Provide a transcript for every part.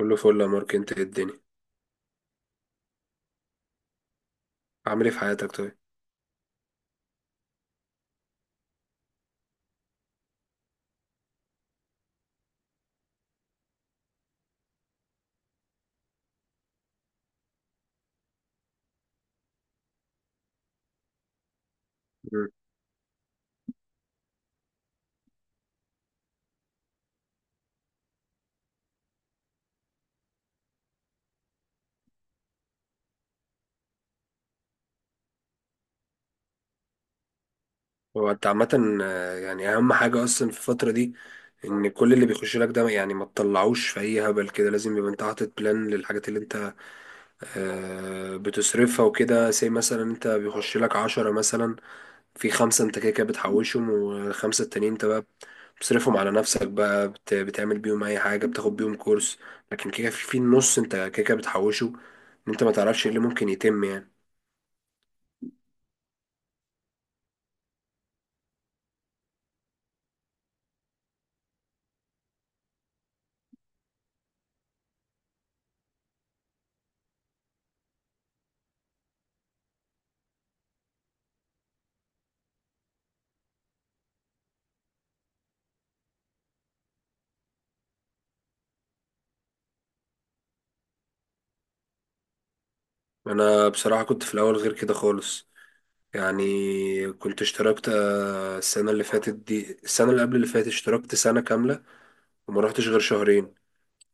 كله فل يا مارك، انت ايه الدنيا؟ عامل ايه في حياتك طيب؟ مم. هو انت عامة يعني اهم حاجة اصلا في الفترة دي ان كل اللي بيخش لك ده، يعني ما تطلعوش في اي هبل كده، لازم يبقى انت حاطط بلان للحاجات اللي انت بتصرفها وكده. زي مثلا انت بيخش لك عشرة، مثلا في خمسة انت كده كده بتحوشهم، والخمسة التانيين انت بقى بتصرفهم على نفسك بقى، بتعمل بيهم اي حاجة، بتاخد بيهم كورس. لكن كده في النص انت كده كده بتحوشه، ان انت ما تعرفش ايه اللي ممكن يتم يعني. انا بصراحة كنت في الاول غير كده خالص. يعني كنت اشتركت السنة اللي فاتت دي، السنة اللي قبل اللي فاتت، اشتركت سنة كاملة وما رحتش غير شهرين.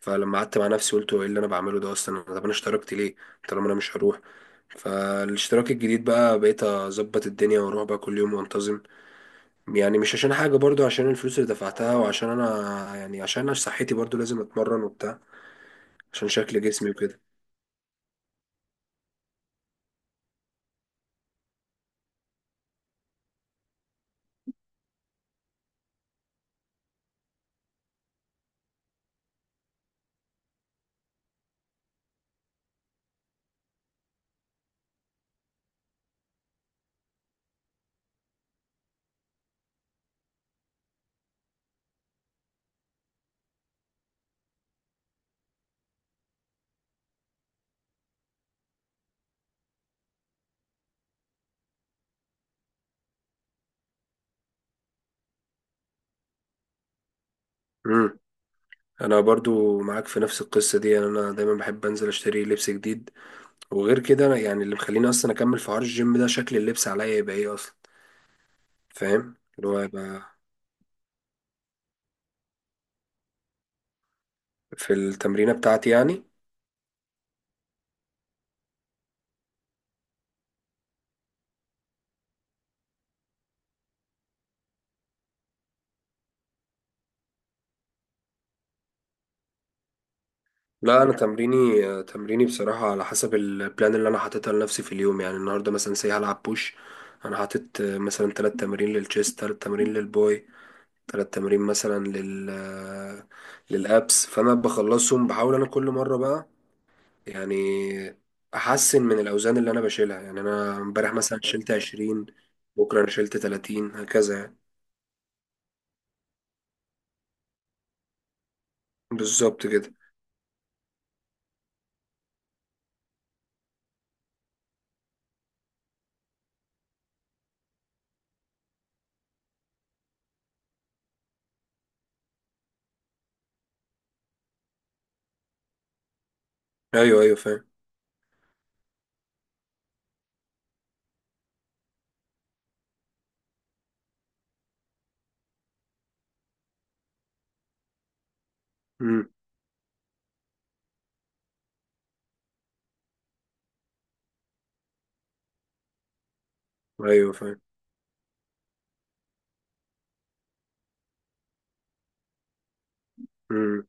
فلما قعدت مع نفسي قلت هو ايه اللي انا بعمله ده اصلا؟ طب انا اشتركت ليه طالما انا مش هروح؟ فالاشتراك الجديد بقى بقيت اظبط الدنيا، واروح بقى كل يوم وانتظم. يعني مش عشان حاجة، برضو عشان الفلوس اللي دفعتها، وعشان انا يعني عشان انا صحتي برضو لازم اتمرن وبتاع، عشان شكل جسمي وكده. انا برضو معاك في نفس القصه دي، يعني انا دايما بحب انزل اشتري لبس جديد. وغير كده انا يعني اللي مخليني اصلا اكمل في حوار الجيم ده شكل اللبس عليا يبقى ايه اصلا، فاهم؟ اللي هو يبقى في التمرينه بتاعتي يعني. لا انا تمريني، تمريني بصراحه على حسب البلان اللي انا حاططها لنفسي في اليوم. يعني النهارده مثلا سي هلعب بوش، انا حاطط مثلا ثلاث تمارين للتشيست، ثلاث تمارين للباي، ثلاث تمارين مثلا للابس. فانا بخلصهم، بحاول انا كل مره بقى يعني احسن من الاوزان اللي انا بشيلها. يعني انا امبارح مثلا شلت 20، بكره انا شلت 30، هكذا يعني. بالظبط كده. ايوه ايوه فاهم. امم. ايوه فاهم. امم.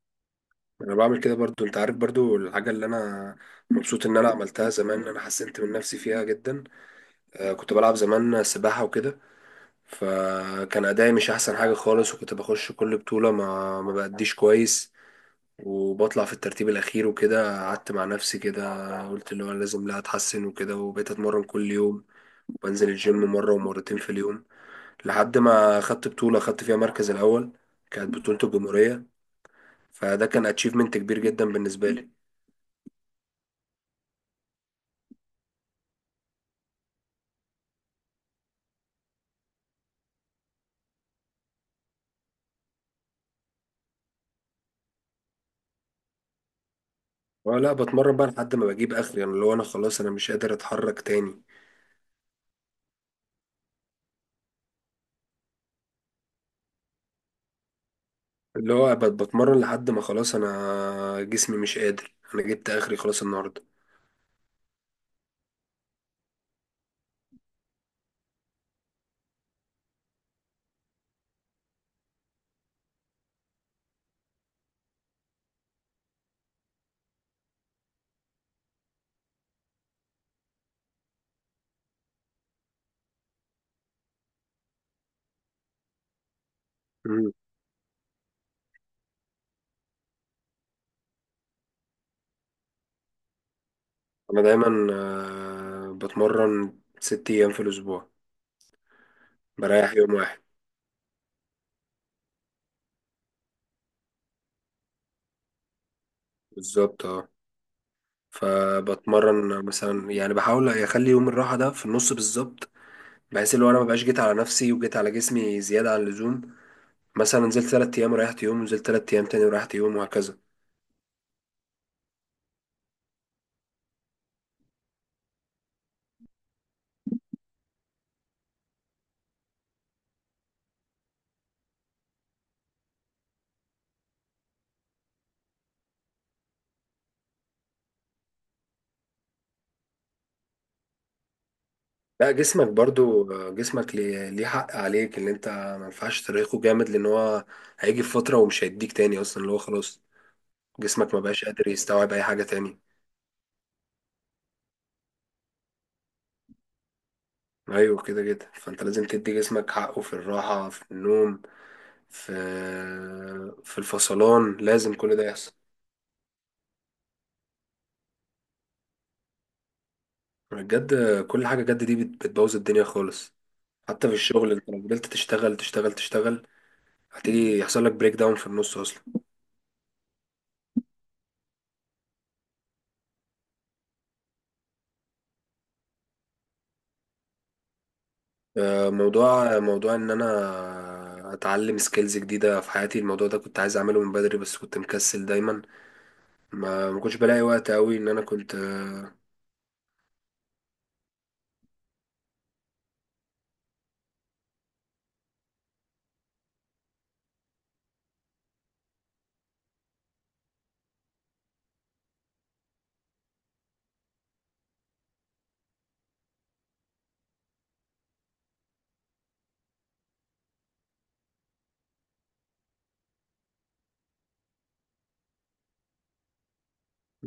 انا بعمل كده برضو، انت عارف برضو الحاجه اللي انا مبسوط ان انا عملتها زمان، انا حسنت من نفسي فيها جدا. آه كنت بلعب زمان سباحه وكده، فكان ادائي مش احسن حاجه خالص، وكنت بخش كل بطوله ما بأديش كويس، وبطلع في الترتيب الأخير وكده. قعدت مع نفسي كده، قلت اللي هو أنا لازم لا أتحسن وكده، وبقيت أتمرن كل يوم وأنزل الجيم مرة ومرتين في اليوم، لحد ما خدت بطولة، خدت فيها مركز الأول. كانت بطولة الجمهورية، فده كان أتشيفمنت كبير جدا بالنسبة لي. اه، لا بتمرن بقى لحد ما بجيب آخري، يعني اللي هو أنا خلاص أنا مش قادر أتحرك تاني. اللي هو بتمرن لحد ما خلاص أنا جسمي مش قادر، أنا جبت آخري خلاص النهاردة. مم. أنا دايما بتمرن ست أيام في الأسبوع، بريح يوم واحد. بالظبط، اه. فبتمرن مثلا، يعني بحاول اخلي يوم الراحه ده في النص بالظبط، بحيث اللي هو انا مبقاش جيت على نفسي وجيت على جسمي زياده عن اللزوم. مثلا نزلت تلات ايام وريحت يوم، ونزلت تلات ايام تاني وريحت يوم، وهكذا. لا جسمك برضو جسمك ليه حق عليك، اللي انت ما ينفعش ترهقه جامد، لان هو هيجي في فتره ومش هيديك تاني اصلا، اللي هو خلاص جسمك ما بقاش قادر يستوعب اي حاجه تاني. ايوه كده كده، فانت لازم تدي جسمك حقه في الراحه، في النوم، في في الفصلان، لازم كل ده يحصل. بجد، كل حاجة جد دي بتبوظ الدنيا خالص. حتى في الشغل، انت لو فضلت تشتغل تشتغل تشتغل هتيجي يحصل لك بريك داون في النص اصلا. موضوع ان انا اتعلم سكيلز جديدة في حياتي، الموضوع ده كنت عايز اعمله من بدري بس كنت مكسل دايما، ما كنتش بلاقي وقت قوي ان انا كنت.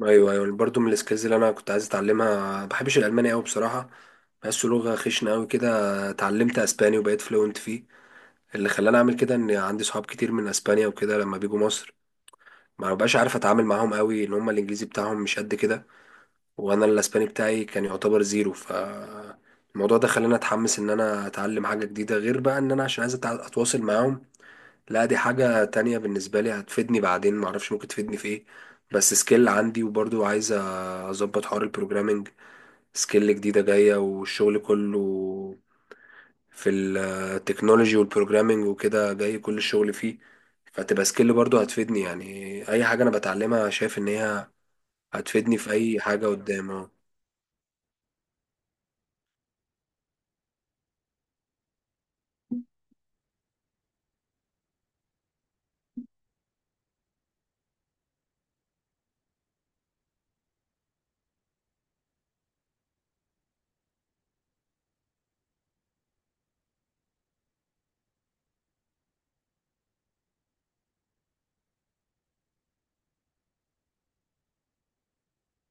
ايوه ايوه، برضو من السكيلز اللي انا كنت عايز اتعلمها. ما بحبش الالماني قوي بصراحة، بحسه لغة خشنة قوي كده. اتعلمت اسباني وبقيت فلوينت فيه، اللي خلاني اعمل كده ان عندي صحاب كتير من اسبانيا وكده. لما بيجوا مصر ما ببقاش عارف اتعامل معاهم قوي، ان هم الانجليزي بتاعهم مش قد كده، وانا الاسباني بتاعي كان يعتبر زيرو. ف الموضوع ده خلاني اتحمس ان انا اتعلم حاجة جديدة، غير بقى ان انا عشان عايز اتواصل معاهم. لا دي حاجة تانية بالنسبة لي، هتفيدني بعدين، معرفش ممكن تفيدني في ايه، بس سكيل عندي. وبرضو عايز اظبط حوار البروجرامينج، سكيل جديدة جاية، والشغل كله في التكنولوجي والبروجرامينج وكده، جاي كل الشغل فيه، فتبقى سكيل برضو هتفيدني يعني. اي حاجة انا بتعلمها شايف ان هي هتفيدني في اي حاجة قدام، اه.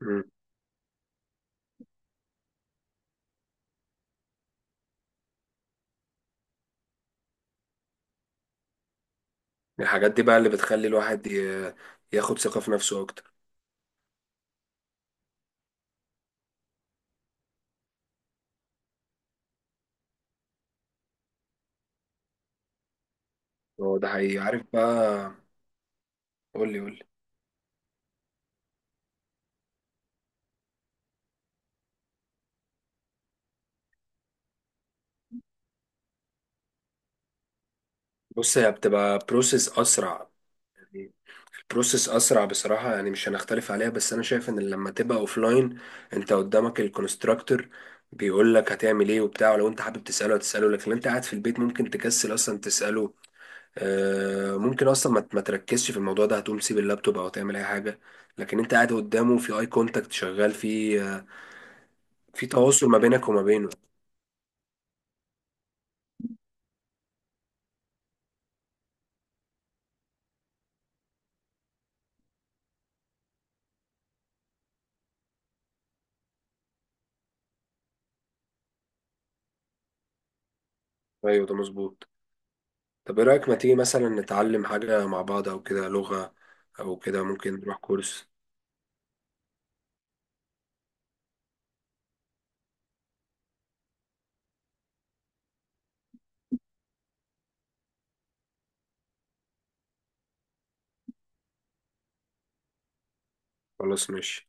مم. الحاجات دي بقى اللي بتخلي الواحد ياخد ثقة في نفسه اكتر. هو ده حقيقي، عارف بقى. قولي قولي. بص هي بتبقى بروسيس اسرع، بروسيس اسرع بصراحه، يعني مش هنختلف عليها. بس انا شايف ان لما تبقى اوفلاين انت قدامك الكونستراكتور بيقول لك هتعمل ايه وبتاع، ولو انت حابب تساله هتساله. لكن انت قاعد في البيت ممكن تكسل اصلا تساله، ممكن اصلا ما تركزش في الموضوع ده، هتقوم تسيب اللابتوب او تعمل اي حاجه. لكن انت قاعد قدامه في اي كونتاكت شغال، في في تواصل ما بينك وما بينه. ايوه ده مظبوط. طب ايه رايك ما تيجي مثلا نتعلم حاجه مع بعض او كده، لغه او كده، ممكن نروح كورس. خلاص ماشي.